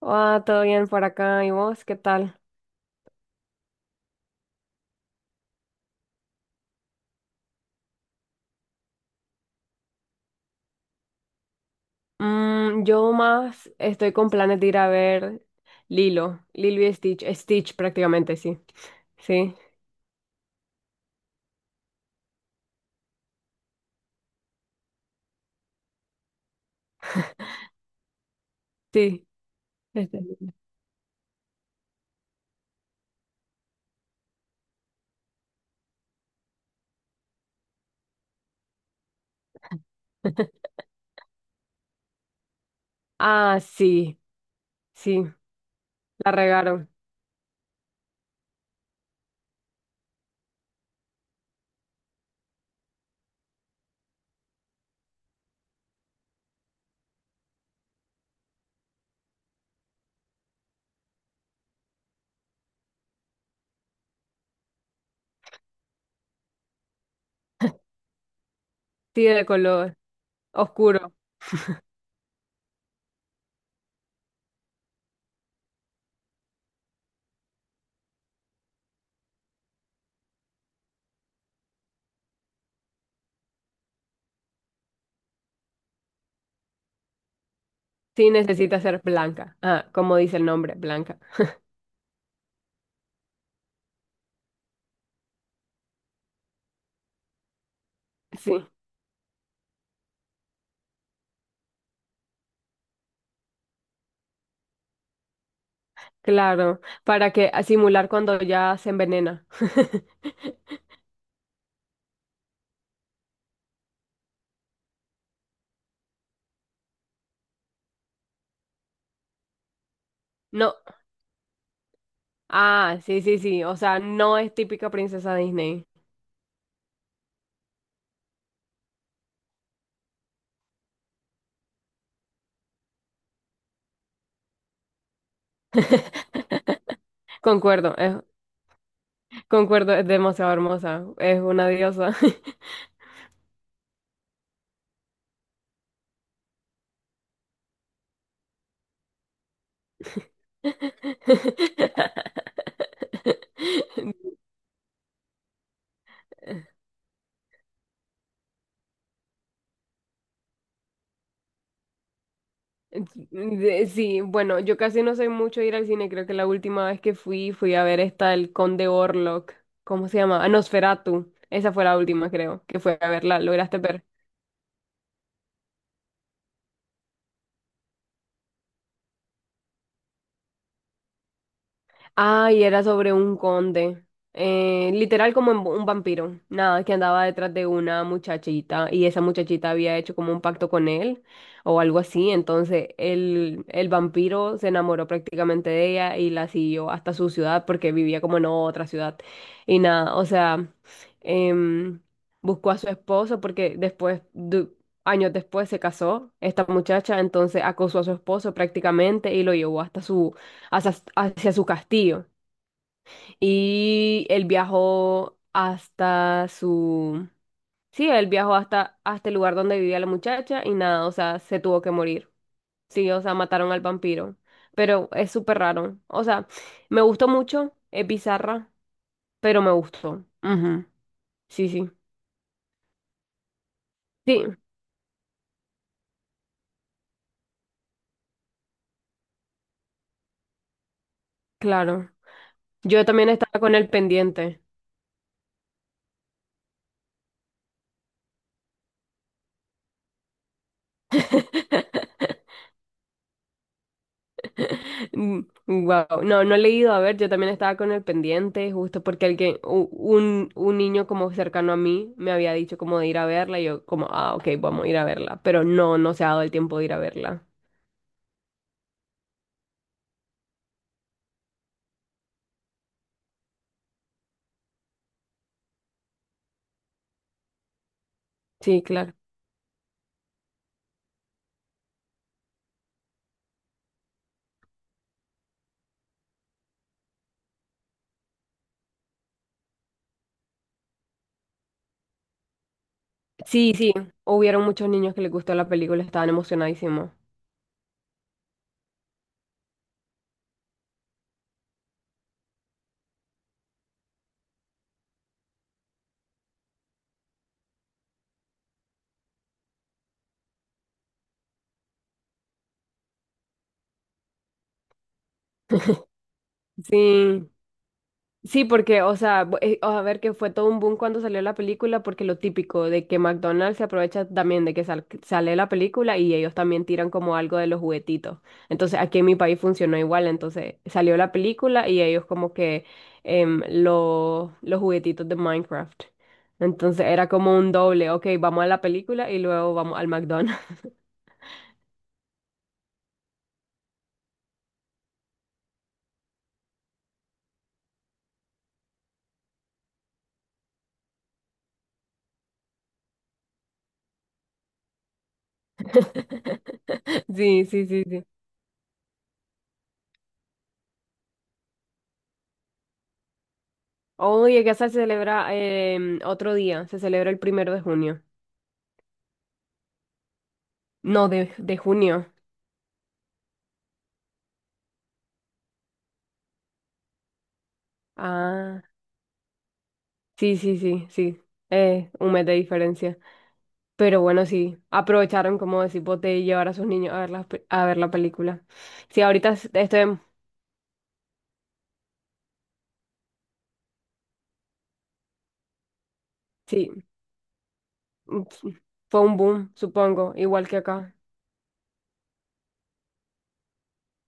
Ah, todo bien por acá. ¿Y vos qué tal? Yo más estoy con planes de ir a ver Lilo y Stitch prácticamente, sí. Sí, sí. este. Ah, sí, sí, la regaron. Sí, de color oscuro. Sí, necesita ser blanca. Ah, como dice el nombre, blanca. Sí, claro, para que a simular cuando ya se envenena. No, ah, sí, sí, sí, o sea, no es típica princesa Disney. Concuerdo, concuerdo, es demasiado hermosa, es una diosa. Sí, bueno, yo casi no soy mucho de ir al cine. Creo que la última vez que fui a ver esta El Conde Orlok. ¿Cómo se llama? Ah, Nosferatu, esa fue la última, creo, que fue a verla. ¿Lograste ver? Ay, era sobre un conde. Literal un vampiro. Nada, que andaba detrás de una muchachita y esa muchachita había hecho como un pacto con él o algo así. Entonces el vampiro se enamoró prácticamente de ella y la siguió hasta su ciudad porque vivía como en otra ciudad. Y nada, o sea, em, buscó a su esposo porque después, años después se casó esta muchacha, entonces acosó a su esposo prácticamente y lo llevó hasta hacia su castillo. Y él viajó hasta su... Sí, él viajó hasta el lugar donde vivía la muchacha y nada, o sea, se tuvo que morir. Sí, o sea, mataron al vampiro. Pero es súper raro. O sea, me gustó mucho, es bizarra, pero me gustó. Ujú. Sí, sí. Sí, claro. Yo también estaba con el pendiente. Wow, no, no he leído, a ver, yo también estaba con el pendiente, justo porque alguien, un niño como cercano a mí me había dicho como de ir a verla y yo como, ah, ok, vamos a ir a verla, pero no, no se ha dado el tiempo de ir a verla. Sí, claro. Sí, sí, hubieron muchos niños que les gustó la película, estaban emocionadísimos. Sí, sí, porque, o sea, a ver que fue todo un boom cuando salió la película, porque lo típico de que McDonald's se aprovecha también de que sale la película y ellos también tiran como algo de los juguetitos. Entonces, aquí en mi país funcionó igual, entonces salió la película y ellos como que los juguetitos de Minecraft. Entonces era como un doble, ok, vamos a la película y luego vamos al McDonald's. Sí, sí, sí, sí. Hoy acá se celebra otro día, se celebra el primero de junio. No, de junio. Ah, sí, sí, sí, sí. Un mes de diferencia. Pero bueno, sí, aprovecharon, como decís vos, de llevar a sus niños a ver a ver la película. Sí, ahorita sí, sí, fue un boom, supongo, igual que acá.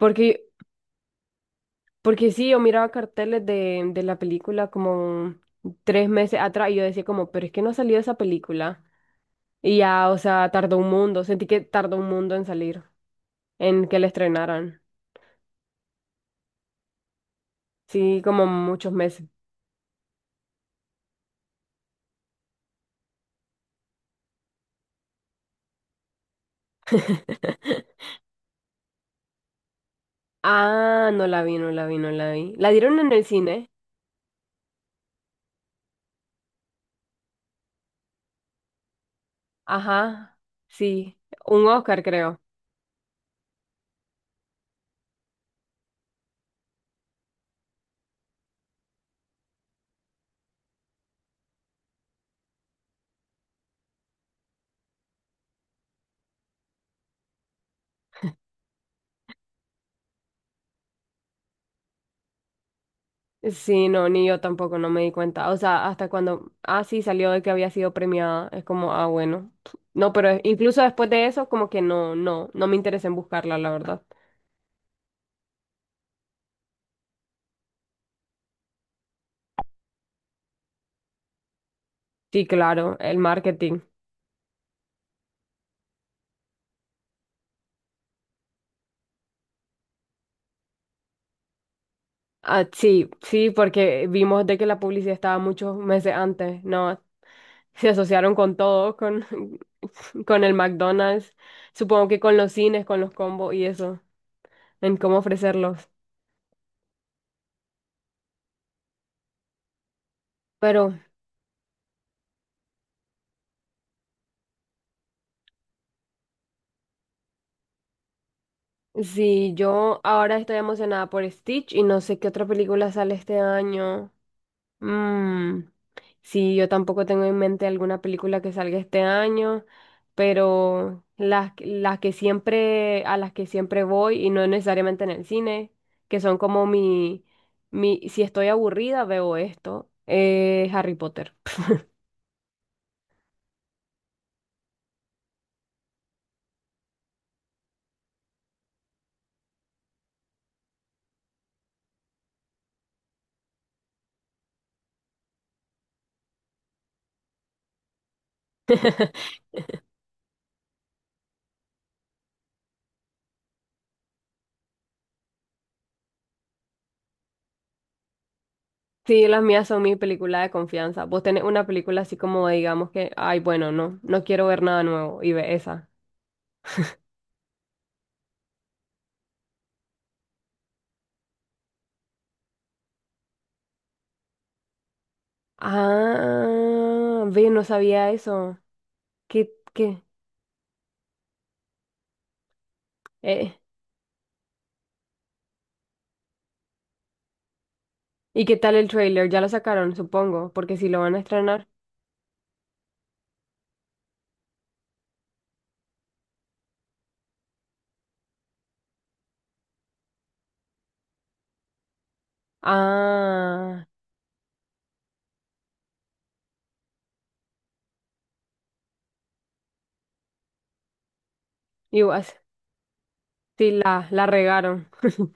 Porque, porque sí, yo miraba carteles de la película como tres meses atrás y yo decía como, pero es que no ha salido esa película. Y ya, o sea, tardó un mundo, sentí que tardó un mundo en salir, en que la estrenaran. Sí, como muchos meses. Ah, no la vi, no la vi, no la vi. La dieron en el cine. Ajá, sí, un Oscar creo. Sí, no, ni yo tampoco, no me di cuenta. O sea, hasta cuando, ah, sí, salió de que había sido premiada, es como, ah, bueno. No, pero incluso después de eso, como que no, no, no me interesa en buscarla, la verdad. Sí, claro, el marketing. Ah, sí, sí, porque vimos de que la publicidad estaba muchos meses antes, ¿no? Se asociaron con todo, con, con el McDonald's, supongo que con los cines, con los combos y eso, en cómo ofrecerlos. Pero sí, yo ahora estoy emocionada por Stitch y no sé qué otra película sale este año. Mm, sí, yo tampoco tengo en mente alguna película que salga este año, pero las que siempre, a las que siempre voy, y no necesariamente en el cine, que son como si estoy aburrida, veo esto, Harry Potter. Sí, las mías son mi película de confianza. Vos tenés una película así como, digamos que, ay, bueno, no, no quiero ver nada nuevo, y ve esa. Ah, ve, no sabía eso. ¿Qué, qué? Eh. ¿Y qué tal el trailer? Ya lo sacaron, supongo, porque si lo van a estrenar. Ah, igual, sí, la regaron.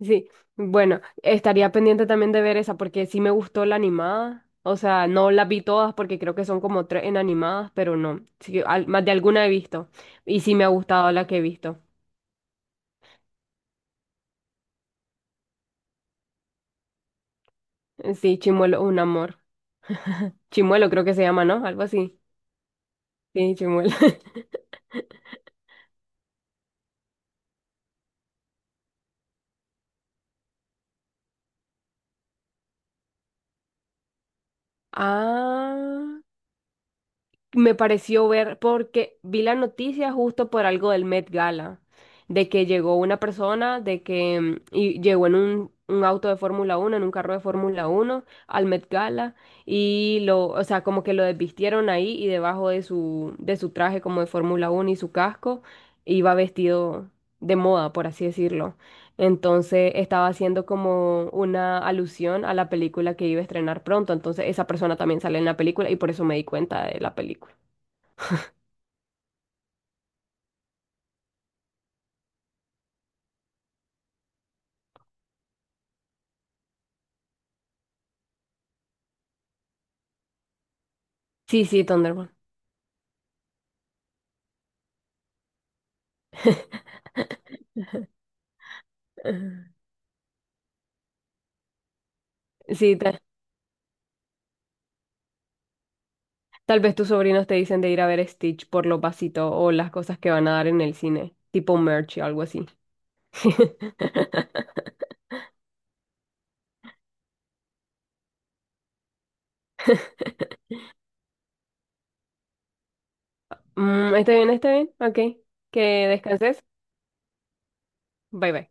Sí, bueno, estaría pendiente también de ver esa porque sí me gustó la animada. O sea, no las vi todas porque creo que son como tres en animadas, pero no. Sí, que más de alguna he visto. Y sí me ha gustado la que he visto. Sí, Chimuelo, es un amor. Chimuelo creo que se llama, ¿no? Algo así. Sí, Chimuelo. Ah. Me pareció ver, porque vi la noticia justo por algo del Met Gala, de que llegó una persona, de que y llegó en un auto de Fórmula 1 en un carro de Fórmula 1 al Met Gala, y lo, o sea, como que lo desvistieron ahí y debajo de su, traje como de Fórmula 1 y su casco, iba vestido de moda, por así decirlo. Entonces estaba haciendo como una alusión a la película que iba a estrenar pronto. Entonces esa persona también sale en la película y por eso me di cuenta de la película. Sí, sí, Thunderbolt. Ajá. Sí, tal vez tus sobrinos te dicen de ir a ver Stitch por los vasitos o las cosas que van a dar en el cine, tipo merch o algo así. Mm, está bien, está bien. Ok. Que descanses. Bye bye.